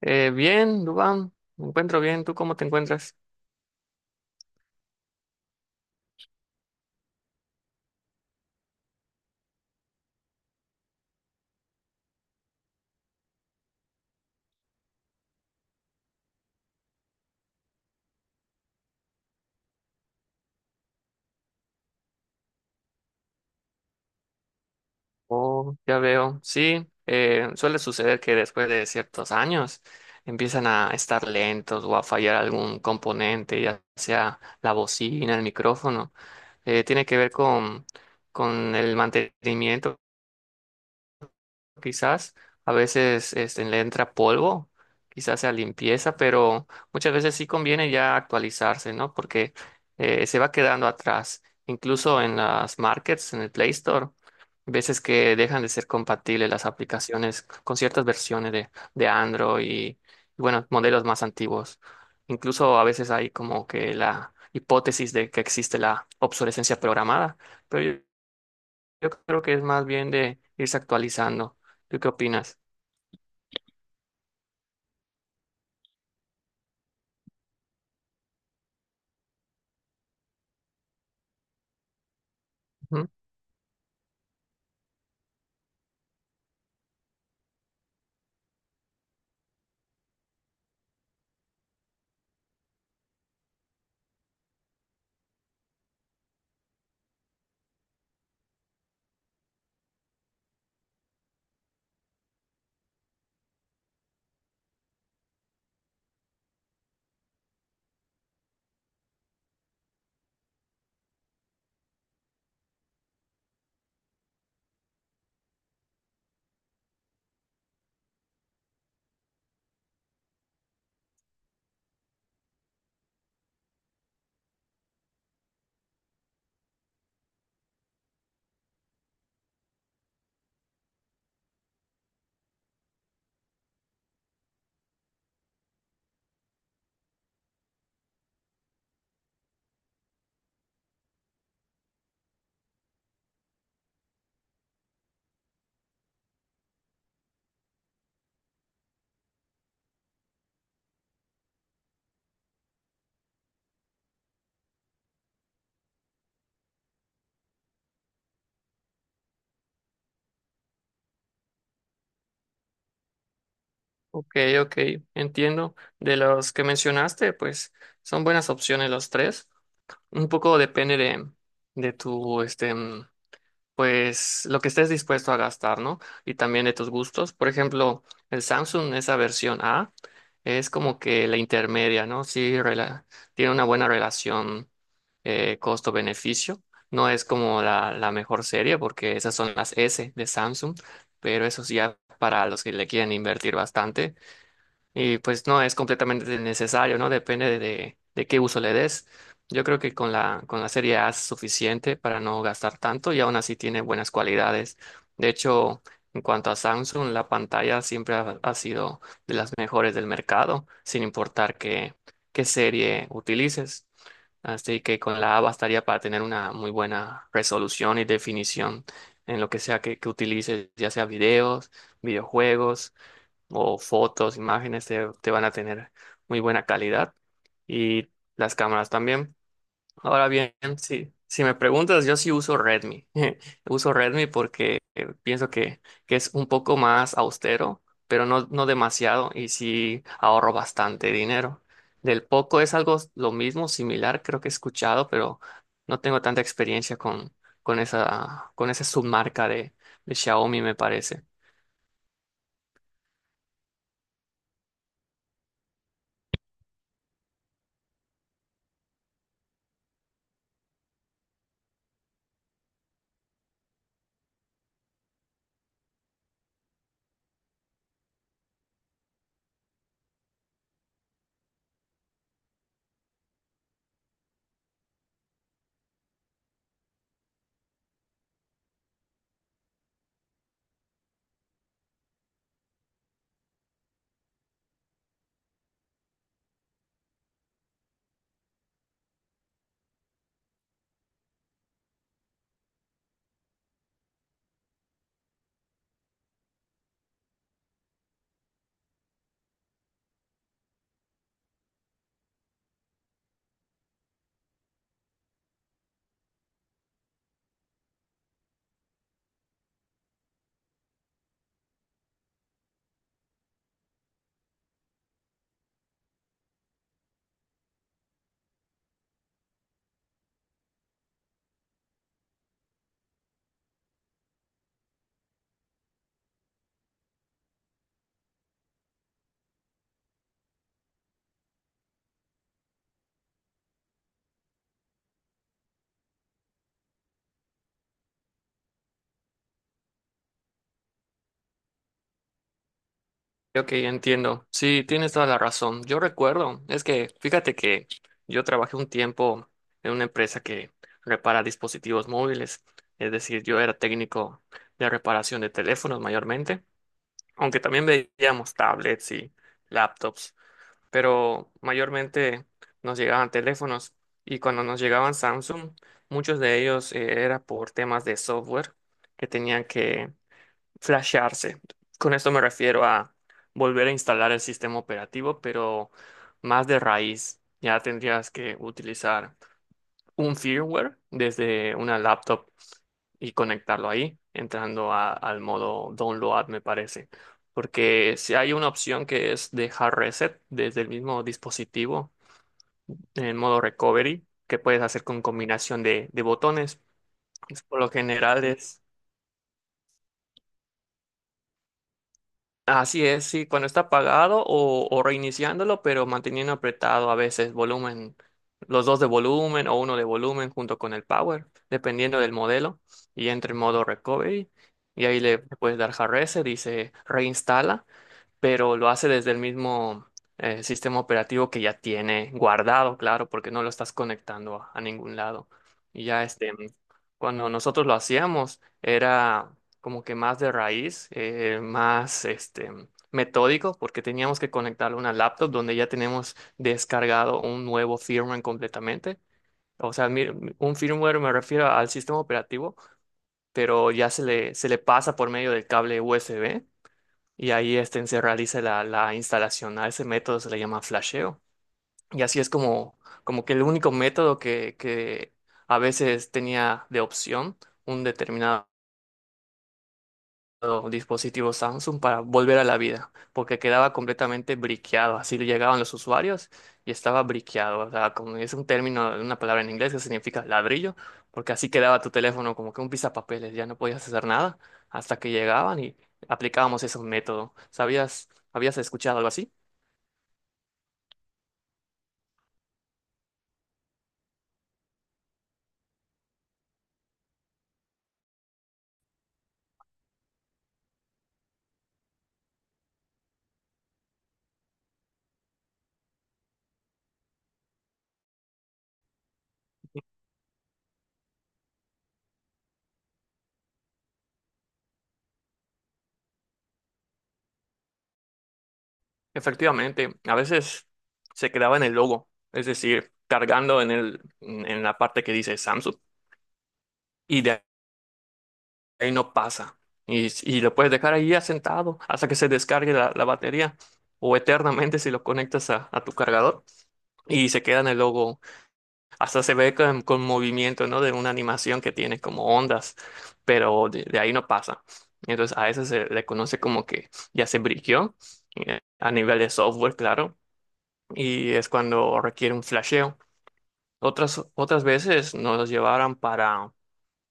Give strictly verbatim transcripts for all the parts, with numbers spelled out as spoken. Eh, bien, Dubán, me encuentro bien. ¿Tú cómo te encuentras? Oh, ya veo. Sí, eh, suele suceder que después de ciertos años empiezan a estar lentos o a fallar algún componente, ya sea la bocina, el micrófono. Eh, tiene que ver con, con el mantenimiento quizás a veces este, le entra polvo, quizás sea limpieza, pero muchas veces sí conviene ya actualizarse, ¿no? Porque eh, se va quedando atrás. Incluso en las markets, en el Play Store, veces que dejan de ser compatibles las aplicaciones con ciertas versiones de, de Android y, bueno, modelos más antiguos. Incluso a veces hay como que la hipótesis de que existe la obsolescencia programada, pero yo yo creo que es más bien de irse actualizando. ¿Tú qué opinas? Ujú. Ok, ok, entiendo. De los que mencionaste, pues son buenas opciones los tres. Un poco depende de, de tu este, pues lo que estés dispuesto a gastar, ¿no? Y también de tus gustos. Por ejemplo, el Samsung, esa versión A, es como que la intermedia, ¿no? Sí, rela- tiene una buena relación eh, costo-beneficio. No es como la, la mejor serie porque esas son las S de Samsung, pero eso sí ya para los que le quieren invertir bastante, y pues no es completamente necesario, ¿no? Depende de, de- de qué uso le des. Yo creo que con la, con la serie A es suficiente para no gastar tanto y aún así tiene buenas cualidades. De hecho, en cuanto a Samsung, la pantalla siempre ha, ha sido de las mejores del mercado, sin importar qué, qué serie utilices. Así que con la A bastaría para tener una muy buena resolución y definición en lo que sea que, que utilices, ya sea videos, videojuegos o fotos, imágenes, te, te van a tener muy buena calidad y las cámaras también. Ahora bien, si, si me preguntas, yo sí uso Redmi. Uso Redmi porque eh, pienso que, que es un poco más austero, pero no, no demasiado y sí ahorro bastante dinero. Del Poco es algo lo mismo, similar, creo que he escuchado, pero no tengo tanta experiencia con, con esa, con esa submarca de, de Xiaomi, me parece. Ok, entiendo. Sí, tienes toda la razón. Yo recuerdo, es que fíjate que yo trabajé un tiempo en una empresa que repara dispositivos móviles, es decir, yo era técnico de reparación de teléfonos mayormente, aunque también veíamos tablets y laptops, pero mayormente nos llegaban teléfonos y cuando nos llegaban Samsung, muchos de ellos eh, era por temas de software que tenían que flashearse. Con esto me refiero a volver a instalar el sistema operativo, pero más de raíz. Ya tendrías que utilizar un firmware desde una laptop y conectarlo ahí, entrando a- al modo download, me parece. Porque si hay una opción que es dejar reset desde el mismo dispositivo en modo recovery, que puedes hacer con combinación de, de botones. Por lo general es. Así es, sí, cuando está apagado o, o reiniciándolo, pero manteniendo apretado a veces volumen, los dos de volumen o uno de volumen junto con el power, dependiendo del modelo, y entra en modo recovery, y ahí le puedes dar hard reset, dice reinstala, pero lo hace desde el mismo eh, sistema operativo que ya tiene guardado, claro, porque no lo estás conectando a, a ningún lado. Y ya este, cuando nosotros lo hacíamos, era como que más de raíz, eh, más este metódico, porque teníamos que conectarlo a una laptop donde ya tenemos descargado un nuevo firmware completamente. O sea, mi- un firmware me refiero al sistema operativo, pero ya se le, se le pasa por medio del cable U S B y ahí este, se realiza la, la instalación. A ese método se le llama flasheo. Y así es como, como que el único método que, que a veces tenía de opción un determinado dispositivo Samsung para volver a la vida, porque quedaba completamente briqueado. Así llegaban los usuarios y estaba briqueado. O sea, como es un término, una palabra en inglés que significa ladrillo, porque así quedaba tu teléfono como que un pisapapeles, ya no podías hacer nada hasta que llegaban y aplicábamos ese método. ¿Sabías, habías escuchado algo así? Efectivamente, a veces se quedaba en el logo, es decir, cargando en el, en la parte que dice Samsung. Y de ahí no pasa. Y, y lo puedes dejar ahí asentado hasta que se descargue la, la batería o eternamente si lo conectas a, a tu cargador y se queda en el logo. Hasta se ve con, con movimiento, ¿no? De una animación que tiene como ondas, pero de, de ahí no pasa. Entonces a eso se le conoce como que ya se briqueó eh, a nivel de software, claro, y es cuando requiere un flasheo. Otras, otras veces nos los llevaron para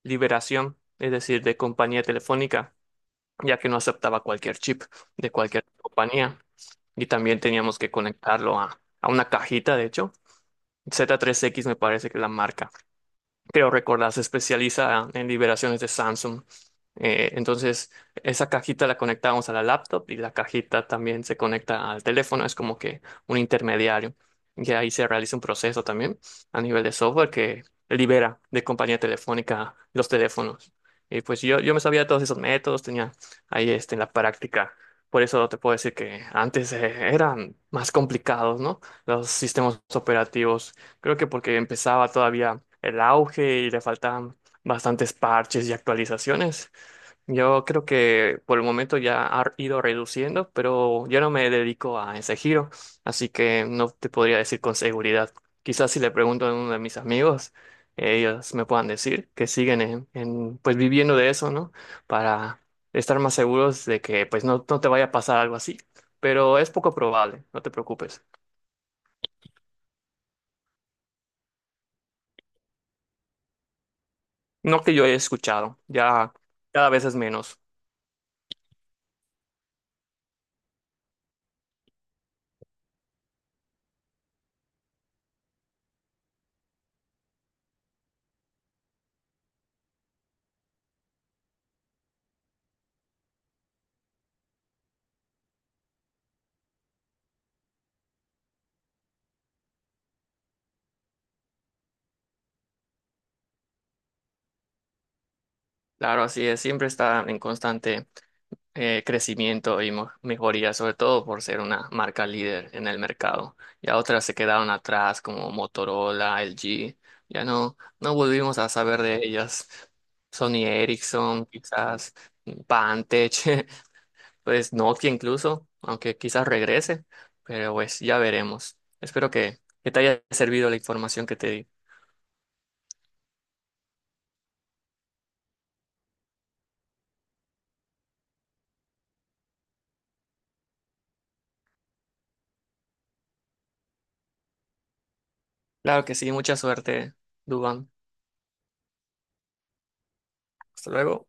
liberación, es decir, de compañía telefónica ya que no aceptaba cualquier chip de cualquier compañía y también teníamos que conectarlo a, a una cajita, de hecho. Z tres X me parece que es la marca, creo recordar, se especializa en liberaciones de Samsung. Eh, entonces, esa cajita la conectamos a la laptop y la cajita también se conecta al teléfono, es como que un intermediario. Y ahí se realiza un proceso también a nivel de software que libera de compañía telefónica los teléfonos. Y pues yo, yo me sabía de todos esos métodos, tenía ahí este, en la práctica. Por eso te puedo decir que antes eh, eran más complicados, ¿no? Los sistemas operativos. Creo que porque empezaba todavía el auge y le faltaban bastantes parches y actualizaciones. Yo creo que por el momento ya ha ido reduciendo, pero yo no me dedico a ese giro, así que no te podría decir con seguridad. Quizás si le pregunto a uno de mis amigos, ellos me puedan decir que siguen en, en, pues viviendo de eso, ¿no? Para estar más seguros de que pues no, no te vaya a pasar algo así, pero es poco probable, no te preocupes. No que yo haya escuchado, ya cada vez es menos. Claro, así es, siempre está en constante eh, crecimiento y mo- mejoría, sobre todo por ser una marca líder en el mercado. Ya otras se quedaron atrás como Motorola, L G, ya no, no volvimos a saber de ellas. Sony Ericsson, quizás Pantech, pues Nokia incluso, aunque quizás regrese, pero pues ya veremos. Espero que, que te haya servido la información que te di. Claro que sí, mucha suerte, Dubán. Hasta luego.